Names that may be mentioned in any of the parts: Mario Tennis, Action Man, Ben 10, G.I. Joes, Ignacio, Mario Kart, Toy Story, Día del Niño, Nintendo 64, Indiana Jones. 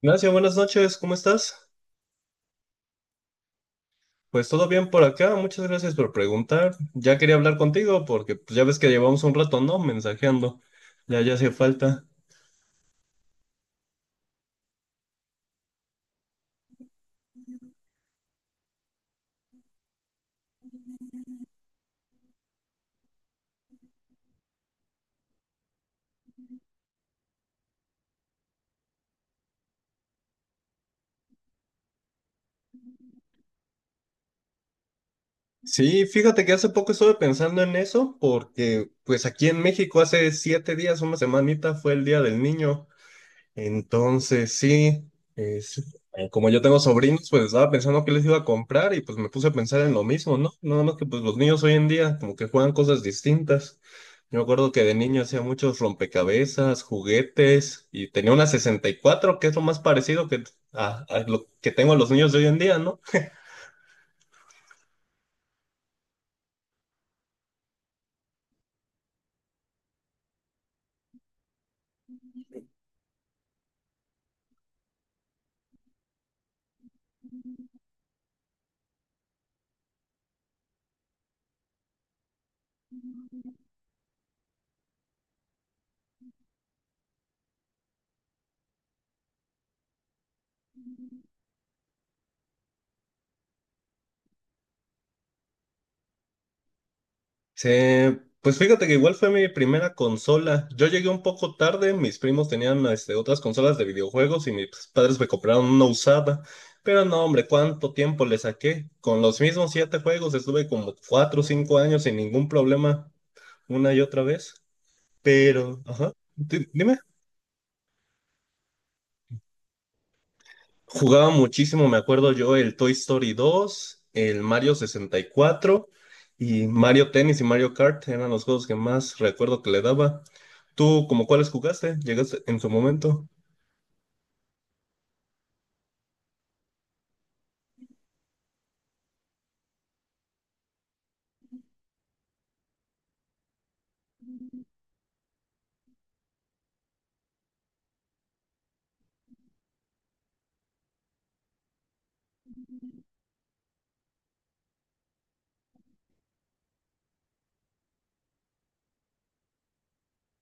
Ignacio, buenas noches, ¿cómo estás? Pues todo bien por acá, muchas gracias por preguntar. Ya quería hablar contigo porque pues, ya ves que llevamos un rato, ¿no? Mensajeando. Ya, ya hacía falta. Sí, fíjate que hace poco estuve pensando en eso porque pues aquí en México hace 7 días, una semanita, fue el Día del Niño. Entonces, sí, es- como yo tengo sobrinos, pues estaba pensando qué les iba a comprar y pues me puse a pensar en lo mismo, ¿no? Nada más que pues los niños hoy en día como que juegan cosas distintas. Yo me acuerdo que de niño hacía muchos rompecabezas, juguetes y tenía una 64 que es lo más parecido que, a lo que tengo a los niños de hoy en día, ¿no? Sí, pues fíjate que igual fue mi primera consola. Yo llegué un poco tarde, mis primos tenían este, otras consolas de videojuegos y mis padres me compraron una usada. Pero no, hombre, ¿cuánto tiempo le saqué? Con los mismos siete juegos estuve como 4 o 5 años sin ningún problema una y otra vez. Pero, ajá, dime. Jugaba muchísimo, me acuerdo yo, el Toy Story 2, el Mario 64 y Mario Tennis y Mario Kart eran los juegos que más recuerdo que le daba. ¿Tú como cuáles jugaste? ¿Llegaste en su momento?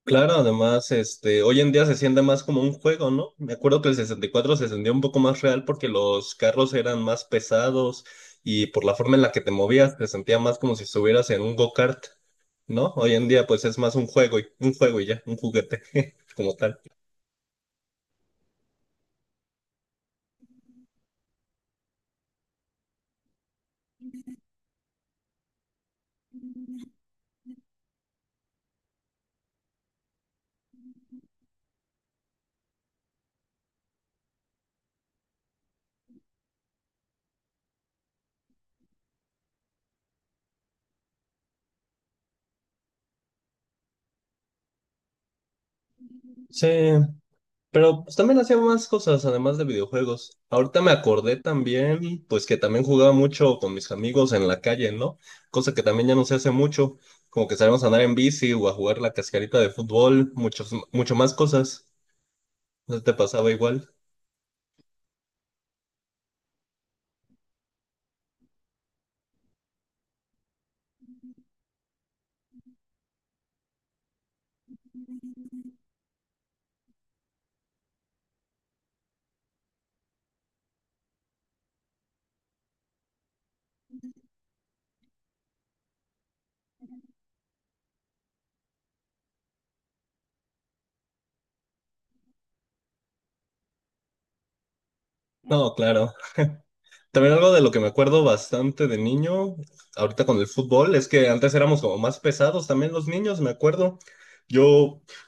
Claro, además, este, hoy en día se siente más como un juego, ¿no? Me acuerdo que el 64 se sentía un poco más real porque los carros eran más pesados y por la forma en la que te movías te sentía más como si estuvieras en un go-kart, ¿no? Hoy en día pues es más un juego y ya, un juguete como tal. Sí, pero pues también hacía más cosas además de videojuegos. Ahorita me acordé también, pues que también jugaba mucho con mis amigos en la calle, ¿no? Cosa que también ya no se hace mucho, como que sabemos andar en bici o a jugar la cascarita de fútbol, mucho más cosas. ¿No te pasaba igual? No, claro. También algo de lo que me acuerdo bastante de niño, ahorita con el fútbol, es que antes éramos como más pesados también los niños, me acuerdo. Yo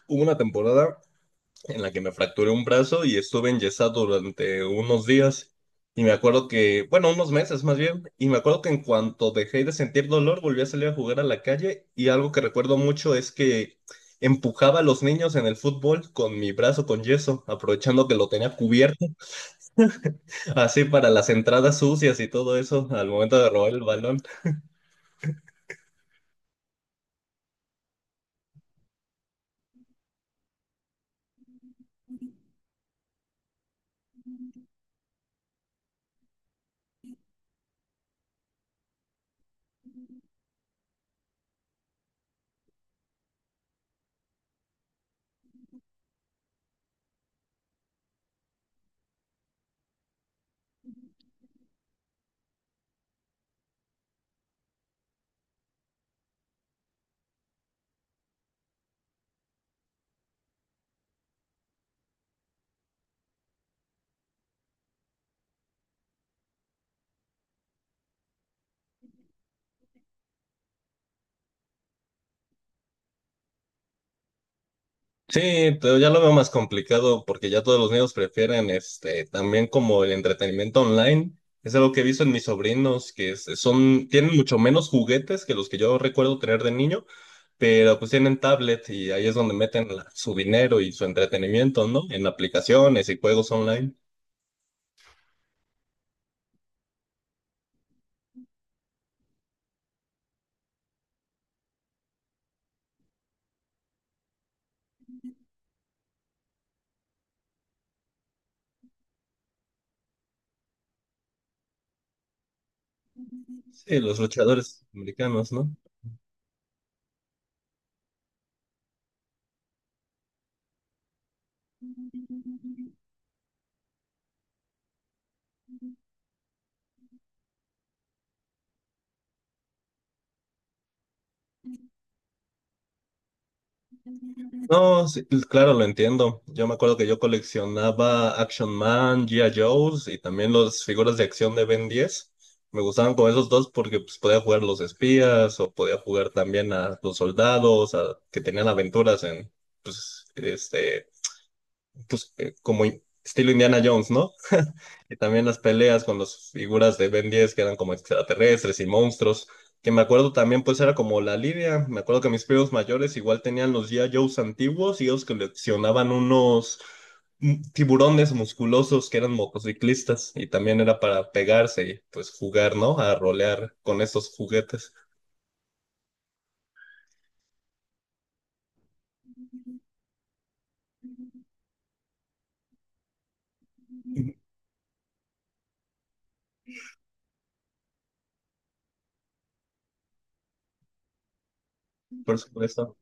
hubo una temporada en la que me fracturé un brazo y estuve enyesado durante unos días. Y me acuerdo que, bueno, unos meses más bien, y me acuerdo que en cuanto dejé de sentir dolor, volví a salir a jugar a la calle y algo que recuerdo mucho es que empujaba a los niños en el fútbol con mi brazo con yeso, aprovechando que lo tenía cubierto. Así para las entradas sucias y todo eso al momento de robar el balón. Sí, pero ya lo veo más complicado porque ya todos los niños prefieren este también como el entretenimiento online. Es algo que he visto en mis sobrinos que son tienen mucho menos juguetes que los que yo recuerdo tener de niño, pero pues tienen tablet y ahí es donde meten su dinero y su entretenimiento, ¿no? En aplicaciones y juegos online. Sí, los luchadores americanos, ¿no? No, sí, pues, claro, lo entiendo. Yo me acuerdo que yo coleccionaba Action Man, G.I. Joes y también las figuras de acción de Ben 10. Me gustaban con esos dos porque pues, podía jugar los espías o podía jugar también a los soldados que tenían aventuras en, pues, este, pues, como estilo Indiana Jones, ¿no? Y también las peleas con las figuras de Ben 10 que eran como extraterrestres y monstruos, que me acuerdo también pues era como la lidia, me acuerdo que mis primos mayores igual tenían los G.I. Joes antiguos y ellos coleccionaban unos tiburones musculosos que eran motociclistas y también era para pegarse y pues jugar, ¿no? A rolear con esos juguetes, por supuesto,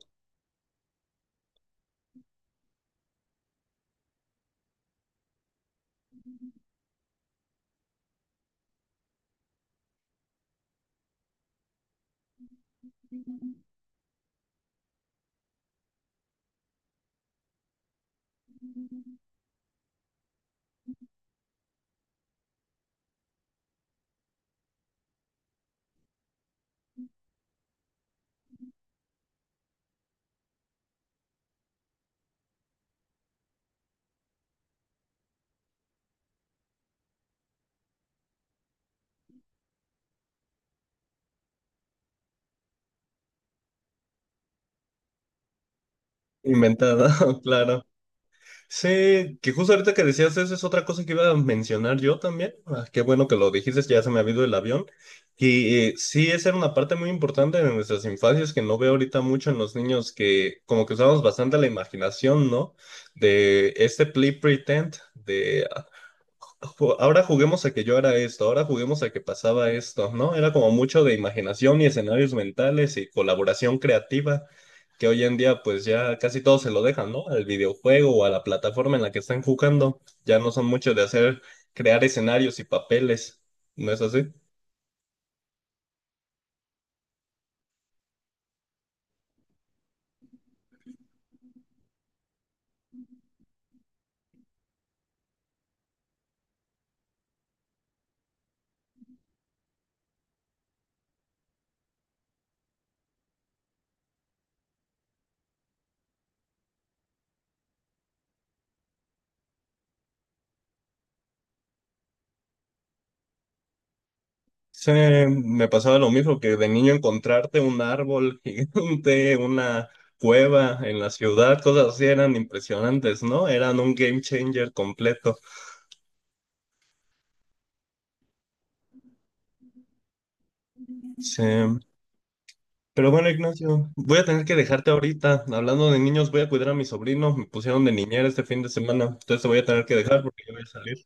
inventada, claro. Sí, que justo ahorita que decías eso es otra cosa que iba a mencionar yo también. Ah, qué bueno que lo dijiste, ya se me ha ido el avión. Y sí, esa era una parte muy importante de nuestras infancias que no veo ahorita mucho en los niños, que como que usamos bastante la imaginación, ¿no? De este play pretend, de ah, ahora juguemos a que yo era esto, ahora juguemos a que pasaba esto, ¿no? Era como mucho de imaginación y escenarios mentales y colaboración creativa que hoy en día pues ya casi todos se lo dejan, ¿no? Al videojuego o a la plataforma en la que están jugando. Ya no son muchos de hacer, crear escenarios y papeles, ¿no es así? Sí, me pasaba lo mismo que de niño encontrarte un árbol gigante, una cueva en la ciudad, cosas así eran impresionantes, ¿no? Eran un game changer completo. Sí. Pero bueno, Ignacio, voy a tener que dejarte ahorita. Hablando de niños, voy a cuidar a mi sobrino. Me pusieron de niñera este fin de semana, entonces te voy a tener que dejar porque yo voy a salir.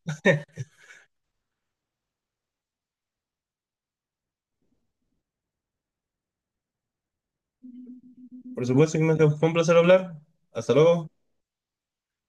Por supuesto, Ignacio, fue un placer hablar. Hasta luego.